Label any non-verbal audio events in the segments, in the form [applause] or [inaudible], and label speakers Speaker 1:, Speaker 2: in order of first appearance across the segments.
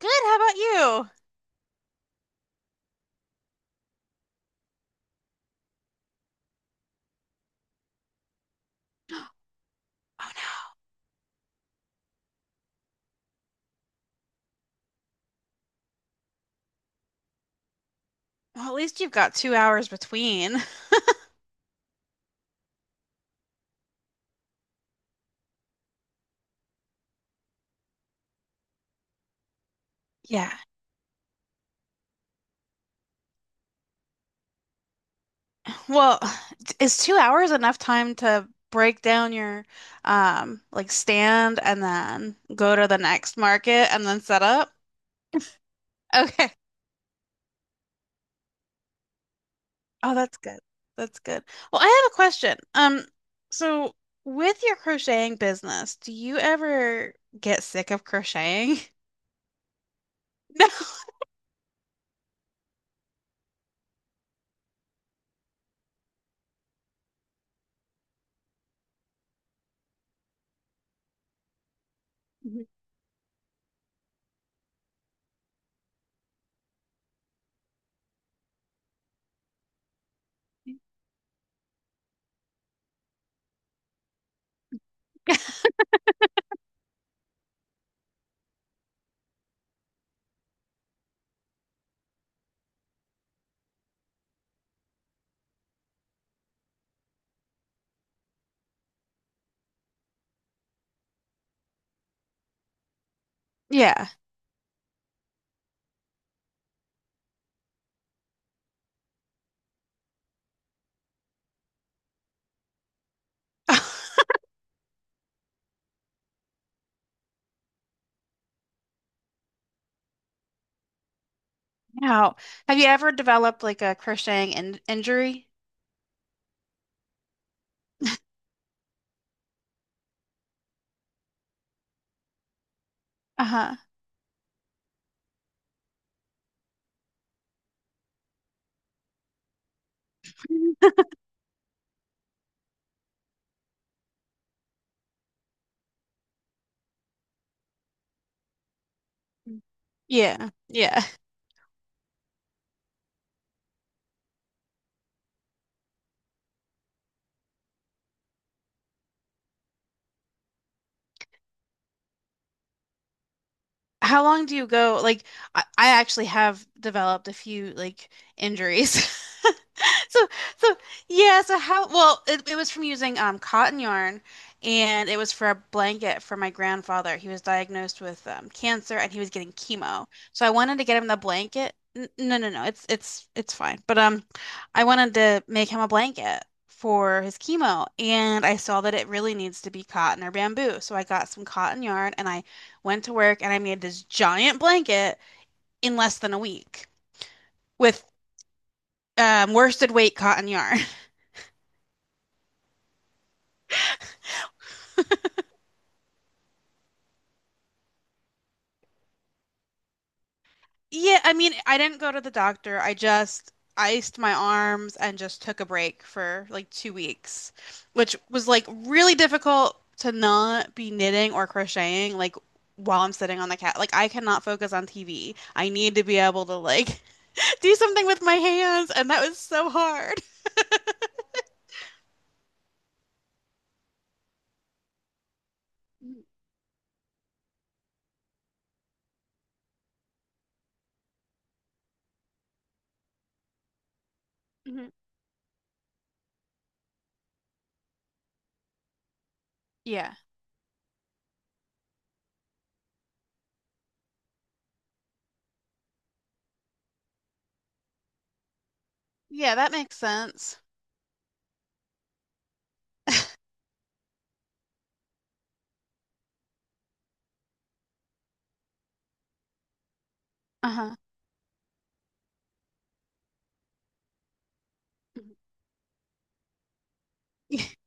Speaker 1: Good. How about you? Oh no. Well, at least you've got 2 hours between. [laughs] Yeah. Well, is 2 hours enough time to break down your like stand and then go to the next market and then set up? Okay. Oh, that's good. That's good. Well, I have a question. So with your crocheting business, do you ever get sick of crocheting? [laughs] No. Mhm. Yeah. [laughs] Now, have you ever developed like a crocheting in injury? Uh-huh. [laughs] Yeah. Yeah. How long do you go? Like, I actually have developed a few like injuries. [laughs] So, so yeah. So how? Well, it was from using cotton yarn, and it was for a blanket for my grandfather. He was diagnosed with cancer, and he was getting chemo. So I wanted to get him the blanket. N No, no, no. It's it's fine. But I wanted to make him a blanket for his chemo, and I saw that it really needs to be cotton or bamboo. So I got some cotton yarn, and I went to work, and I made this giant blanket in less than a week with worsted weight cotton yarn. [laughs] Yeah, I mean, I didn't go to the doctor. I just iced my arms and just took a break for like 2 weeks, which was like really difficult to not be knitting or crocheting like while I'm sitting on the cat. Like I cannot focus on TV. I need to be able to like [laughs] do something with my hands, and that was so hard. Mhm. Yeah. Yeah, that makes sense. Uh-huh. [laughs]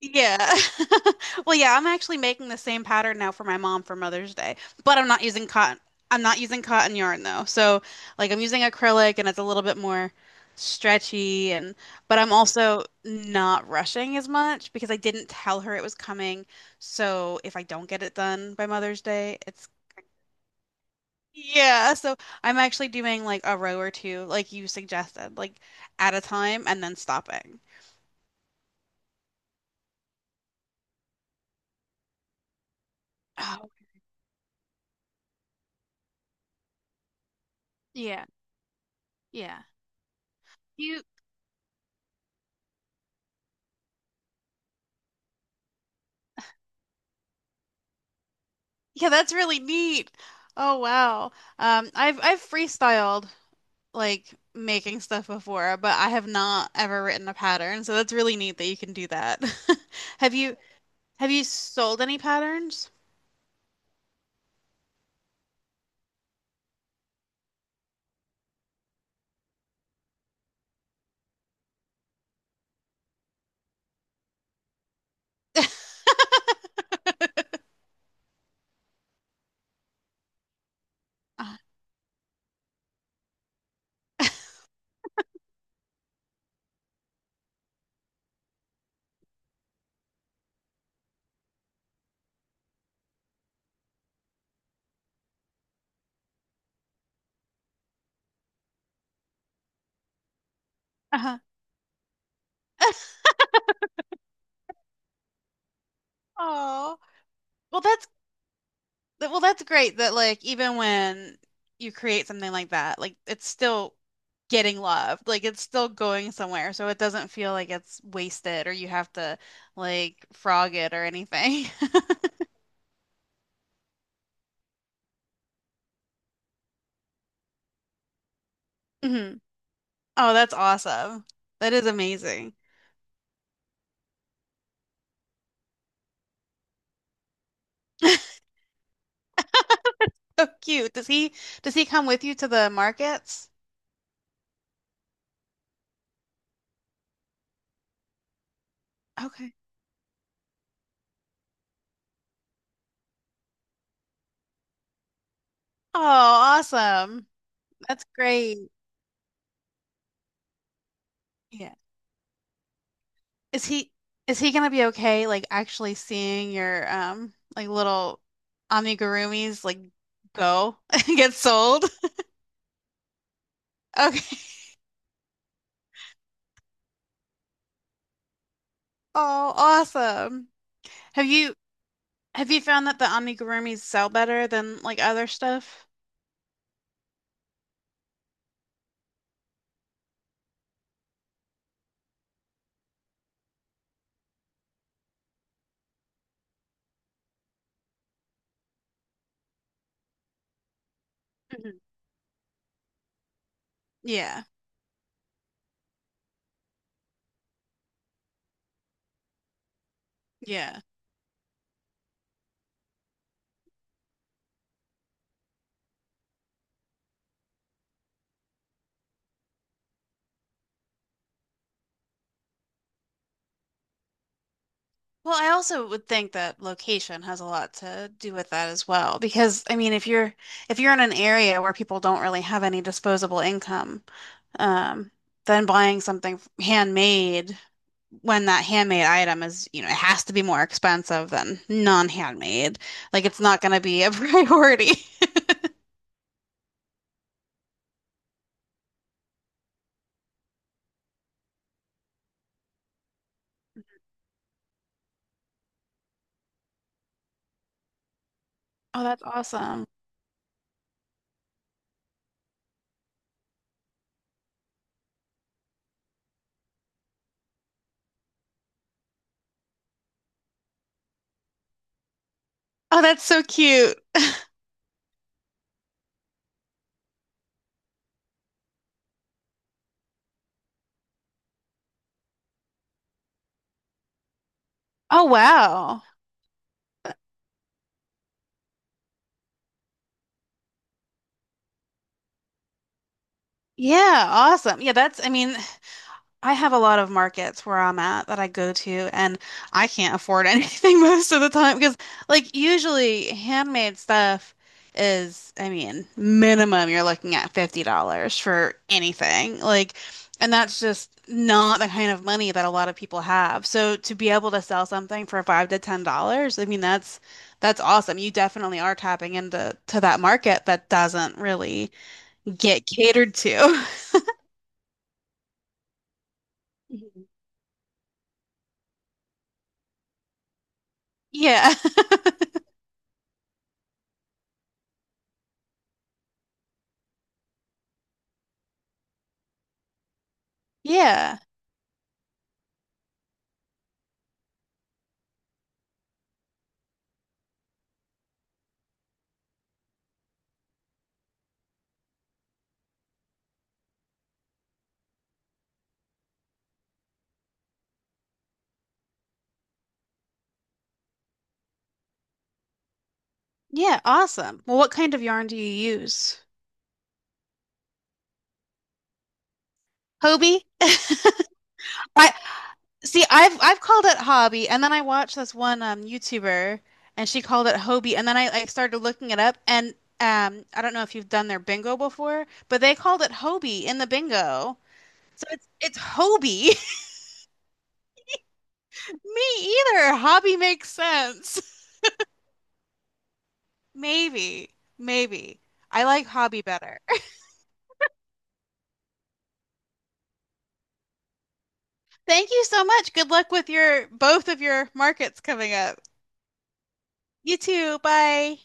Speaker 1: Yeah. [laughs] Well, yeah, I'm actually making the same pattern now for my mom for Mother's Day, but I'm not using cotton. I'm not using cotton yarn though. So, like I'm using acrylic and it's a little bit more stretchy and but I'm also not rushing as much because I didn't tell her it was coming. So, if I don't get it done by Mother's Day, it's yeah, so I'm actually doing like a row or two like you suggested, like at a time and then stopping. Oh, yeah. Yeah. You yeah, that's really neat. Oh wow. I've freestyled like making stuff before, but I have not ever written a pattern. So that's really neat that you can do that. [laughs] Have you have you sold any patterns? Uh, uh-huh. Oh. Well, that's well, that's great that like even when you create something like that, like it's still getting loved. Like it's still going somewhere, so it doesn't feel like it's wasted or you have to like frog it or anything. [laughs] Mhm. Oh, that's awesome. That is amazing. [laughs] So cute. Does he come with you to the markets? Okay. Oh, awesome. That's great. Yeah. Is he is he gonna be okay like actually seeing your like little amigurumis like go [laughs] and get sold? [laughs] Okay. Oh, awesome. Have you have you found that the amigurumis sell better than like other stuff? Mhm. Yeah. Yeah. Well, I also would think that location has a lot to do with that as well, because I mean, if you're in an area where people don't really have any disposable income, um, then buying something handmade when that handmade item is, you know, it has to be more expensive than non-handmade. Like it's not going to be a [laughs] priority. Oh, that's awesome. Oh, that's so cute. Oh, wow. Yeah, awesome. Yeah, that's, I mean, I have a lot of markets where I'm at that I go to, and I can't afford anything [laughs] most of the time because, like, usually handmade stuff is, I mean, minimum you're looking at $50 for anything. Like, and that's just not the kind of money that a lot of people have. So to be able to sell something for $5 to $10, I mean, that's awesome. You definitely are tapping into to that market that doesn't really get catered to. [laughs] Mhm. Yeah. [laughs] Yeah. Yeah, awesome. Well, what kind of yarn do you use? Hobie? I see I've called it hobby and then I watched this one YouTuber and she called it Hobie and then I started looking it up and I don't know if you've done their bingo before, but they called it Hobie in the bingo. So it's Hobie. [laughs] Me either. Hobby makes sense. [laughs] Maybe. Maybe. I like hobby better. [laughs] Thank you so much. Good luck with your both of your markets coming up. You too. Bye.